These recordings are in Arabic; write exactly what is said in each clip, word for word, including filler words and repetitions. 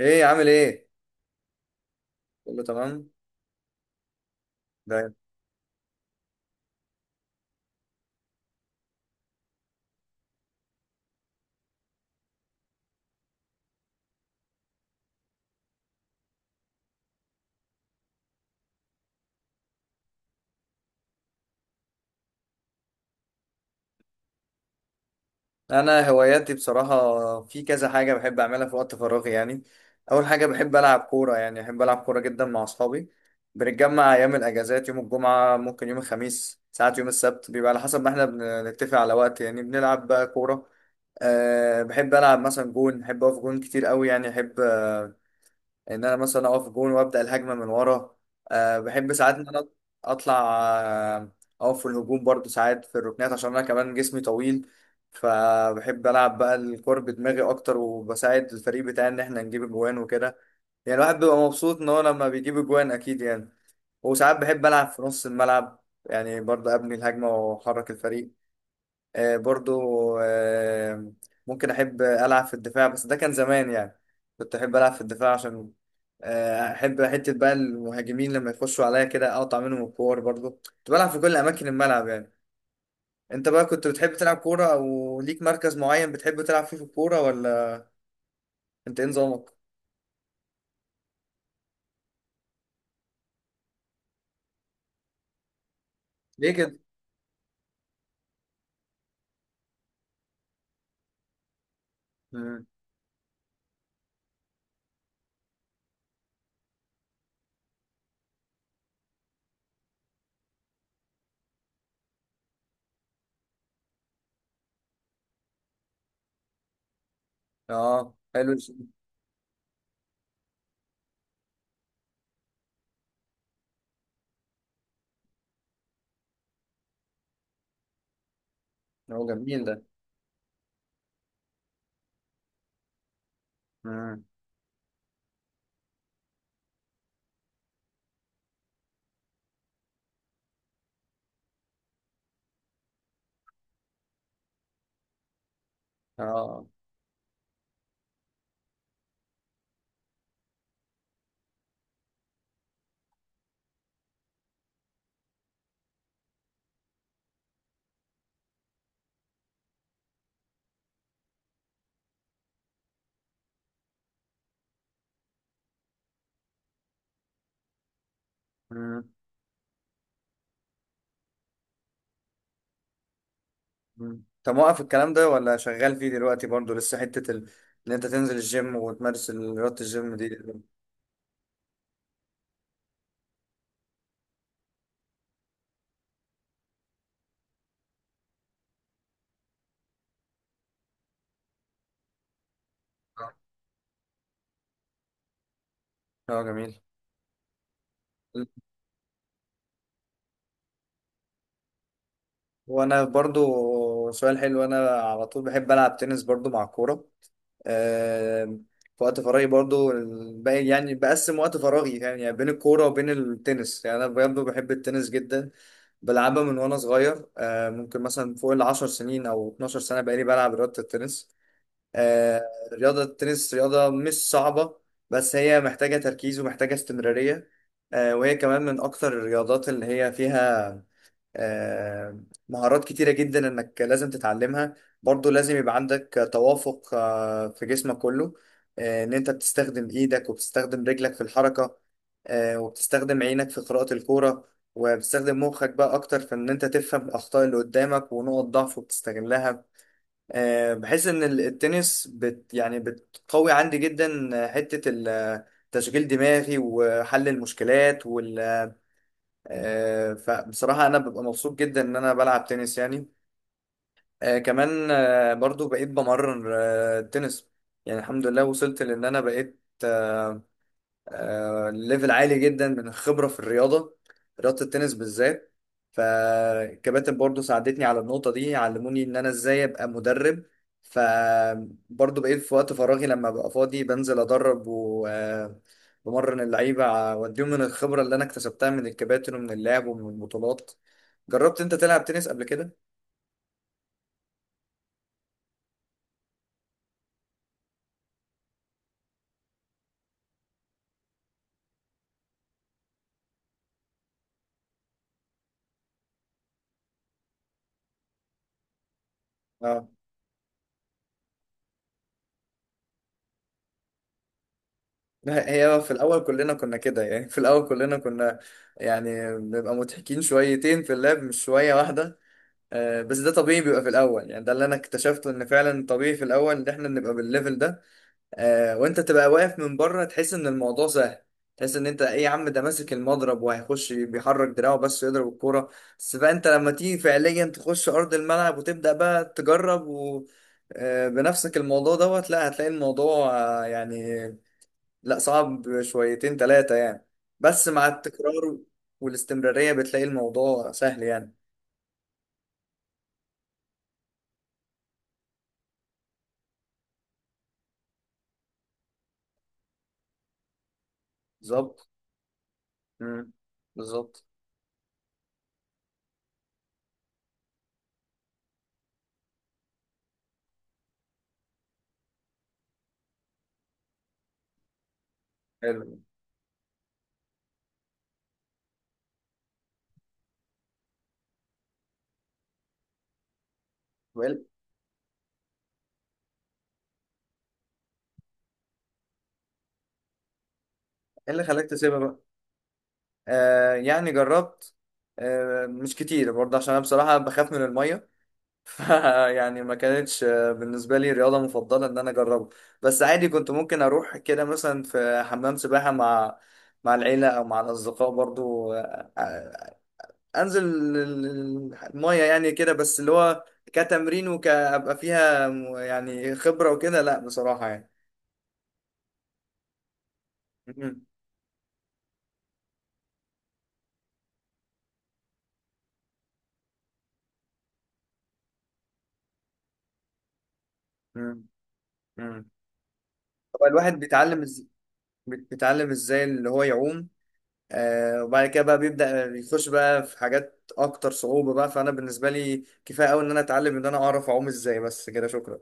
ايه عامل ايه؟ كله تمام. ده انا هواياتي بصراحه في كذا حاجه بحب اعملها في وقت فراغي يعني. اول حاجه بحب العب كوره، يعني بحب العب كوره جدا مع اصحابي. بنتجمع ايام الاجازات، يوم الجمعه، ممكن يوم الخميس، ساعات يوم السبت، بيبقى على حسب ما احنا بنتفق على وقت يعني. بنلعب بقى كوره. أه بحب العب مثلا جون، بحب اقف جون كتير قوي، يعني احب ان انا مثلا اقف جون وابدا الهجمه من ورا. أه بحب ساعات ان انا اطلع، آه، اقف في الهجوم برضو، ساعات في الركنات عشان انا كمان جسمي طويل. فبحب العب بقى الكور بدماغي اكتر وبساعد الفريق بتاعي ان احنا نجيب اجوان وكده. يعني الواحد بيبقى مبسوط ان هو لما بيجيب اجوان اكيد يعني. وساعات بحب العب في نص الملعب، يعني برضه ابني الهجمه واحرك الفريق. آه، برضو آه، ممكن احب العب في الدفاع، بس ده كان زمان يعني. كنت احب العب في الدفاع عشان آه، احب حته بقى المهاجمين لما يخشوا عليا كده اقطع منهم الكور، برضو كنت بلعب في كل اماكن الملعب يعني. انت بقى كنت بتحب تلعب كوره، او ليك مركز معين بتحب تلعب فيه في الكوره، ولا انت ايه نظامك؟ ليه كده؟ مم. اه، حلو الشيء. هو جميل ده. مم. اه. مم. مم. طب موقف الكلام ده ولا شغال فيه دلوقتي برضو لسه حتة ال... ان انت تنزل الجيم وتمارس ال- رياضة الجيم دي؟ اه. آه، جميل. وانا برضو، سؤال حلو، انا على طول بحب العب تنس برضو مع الكورة. آم، في وقت فراغي برضو ال- بقى- يعني بقسم وقت فراغي يعني يعني بين الكورة وبين التنس، يعني انا برضو بحب التنس جدا. بلعبها من وانا صغير، آه، ممكن مثلا فوق العشر سنين او اثنتا عشرة سنة بقالي بلعب رياضة التنس. آه، رياضة التنس رياضة مش صعبة، بس هي محتاجة تركيز ومحتاجة استمرارية. آه، وهي كمان من أكتر الرياضات اللي هي فيها آه، مهارات كتيرة جدا إنك لازم تتعلمها. برضو لازم يبقى عندك توافق آه، في جسمك كله. آه، إن أنت بتستخدم إيدك وبتستخدم رجلك في الحركة، آه، وبتستخدم عينك في قراءة الكورة، وبتستخدم مخك بقى أكتر في إن أنت تفهم الأخطاء اللي قدامك ونقط ضعفه وبتستغلها. آه، بحس ان ال- التنس بت يعني بتقوي عندي جدا، آه، حتة ال- آه، تشغيل دماغي وحل المشكلات وال. آه، فبصراحة انا ببقى مبسوط جدا ان انا بلعب تنس يعني. آه، كمان آه، برضو بقيت بمرن آه، التنس. يعني الحمد لله وصلت لان انا بقيت آه، آه، ليفل عالي جدا من الخبرة في الرياضة، رياضة التنس بالذات. فالكباتن برضو ساعدتني على النقطة دي، علموني ان انا ازاي ابقى مدرب. فبرضو بقيت في وقت فراغي لما ببقى فاضي، بنزل ادرب وبمرن اللعيبة ع- واديهم من الخبرة اللي انا اكتسبتها من الكباتن ومن اللعب ومن البطولات. جربت انت تلعب تنس قبل كده؟ اه. هي في الاول كلنا كنا كده يعني في الاول كلنا كنا يعني بنبقى مضحكين شويتين في اللعب مش شوية واحدة. آه، بس ده طبيعي بيبقى في الاول، يعني ده اللي انا اكتشفته ان فعلا طبيعي في الاول ان احنا نبقى بالليفل ده. آه، وانت تبقى واقف من بره تحس ان الموضوع سهل. تحس ان انت ايه يا عم، ده ماسك المضرب وهيخش بيحرك دراعه بس يضرب الكوره. بس بقى انت لما تيجي فعليا تخش ارض الملعب وتبدا بقى تجرب و آه، بنفسك الموضوع دوت، لا هتلاقي الموضوع آه، يعني لا صعب شويتين ثلاثه يعني، بس مع التكرار والاستمراريه بتلاقي الموضوع سهل يعني. بالظبط. مم. بالظبط. حلو. وايه ال- إيه اللي خلاك تسيبها بقى؟ آه يعني جربت، آه مش كتير برضه عشان انا بصراحة بخاف من المية. يعني ما كانتش آه، بالنسبة لي رياضة مفضلة ان انا اجربها. بس عادي كنت ممكن اروح كده مثلا في حمام سباحة مع مع العيلة او مع الاصدقاء برضه آه آه، انزل ال- ال- المية يعني كده، بس اللي هو كتمرين وكابقى فيها م- يعني خبرة وكده، لا بصراحة يعني. مم. مم. مم. هو الواحد بيتعلم إز... بيتعلم ازاي اللي هو يعوم. آه، وبعد كده بقى بيبدأ يخش بقى في حاجات اكتر صعوبة بقى، فانا بالنسبة لي كفاية قوي ان انا اتعلم ان انا اعرف اعوم ازاي بس كده، شكرا.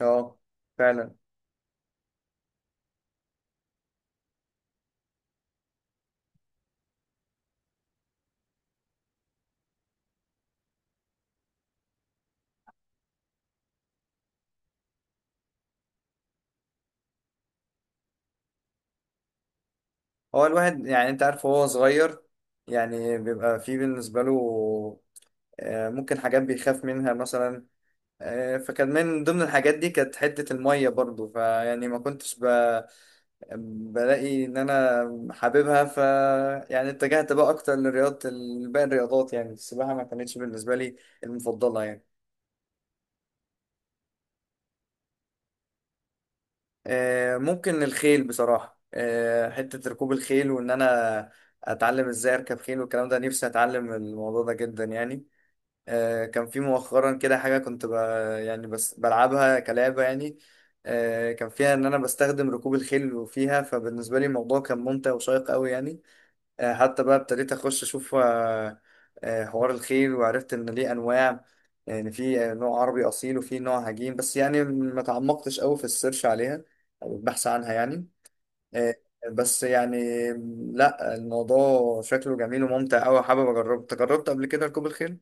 اه، فعلا. هو الواحد، يعني انت عارف، هو صغير يعني بيبقى فيه بالنسبة له آه ممكن حاجات بيخاف منها مثلا. آه، فكان من ضمن الحاجات دي كانت حتة المية برضو، فيعني ما كنتش ب... بلاقي ان انا حاببها ف، يعني اتجهت بقى اكتر لرياضه، باقي الرياضات. يعني السباحه ما كانتش بالنسبه لي المفضله يعني. آه، ممكن الخيل بصراحه، آه، حته ركوب الخيل وان انا اتعلم ازاي اركب خيل والكلام ده، نفسي اتعلم الموضوع ده جدا يعني. آه، كان في مؤخرا كده حاجه كنت ب... يعني بس بلعبها كلعبه يعني. آه، كان فيها ان انا بستخدم ركوب الخيل وفيها، فبالنسبه لي الموضوع كان ممتع وشيق قوي يعني. آه، حتى بقى ابتديت اخش اشوف آه، آه، حوار الخيل، وعرفت ان ليه انواع. يعني في آه، نوع عربي اصيل وفي نوع هجين، بس يعني ما تعمقتش قوي في السيرش عليها او البحث عنها يعني. آه، بس يعني لا الموضوع شكله جميل وممتع قوي، حابب اجربه. أنت جربت قبل كده ركوب الخيل؟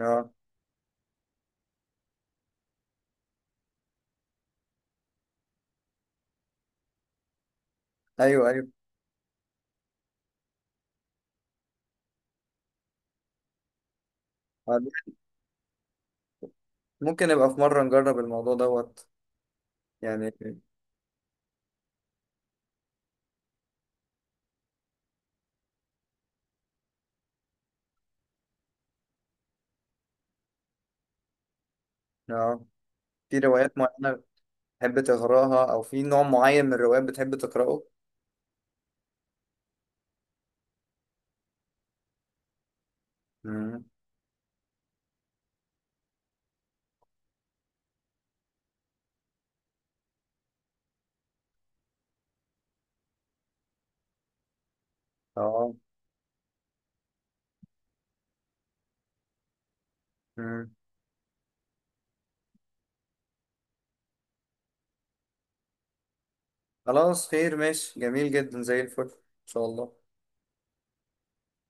اه. ايوه ايوه. آه، ممكن نبقى في مره نجرب الموضوع دوت يعني. اه، في روايات معينه بتحب تقراها او في نوع معين من الروايات بتحب تقراه؟ مم. اه. مم. خلاص، خير، ماشي، جميل جدا، زي الفل، ان شاء الله.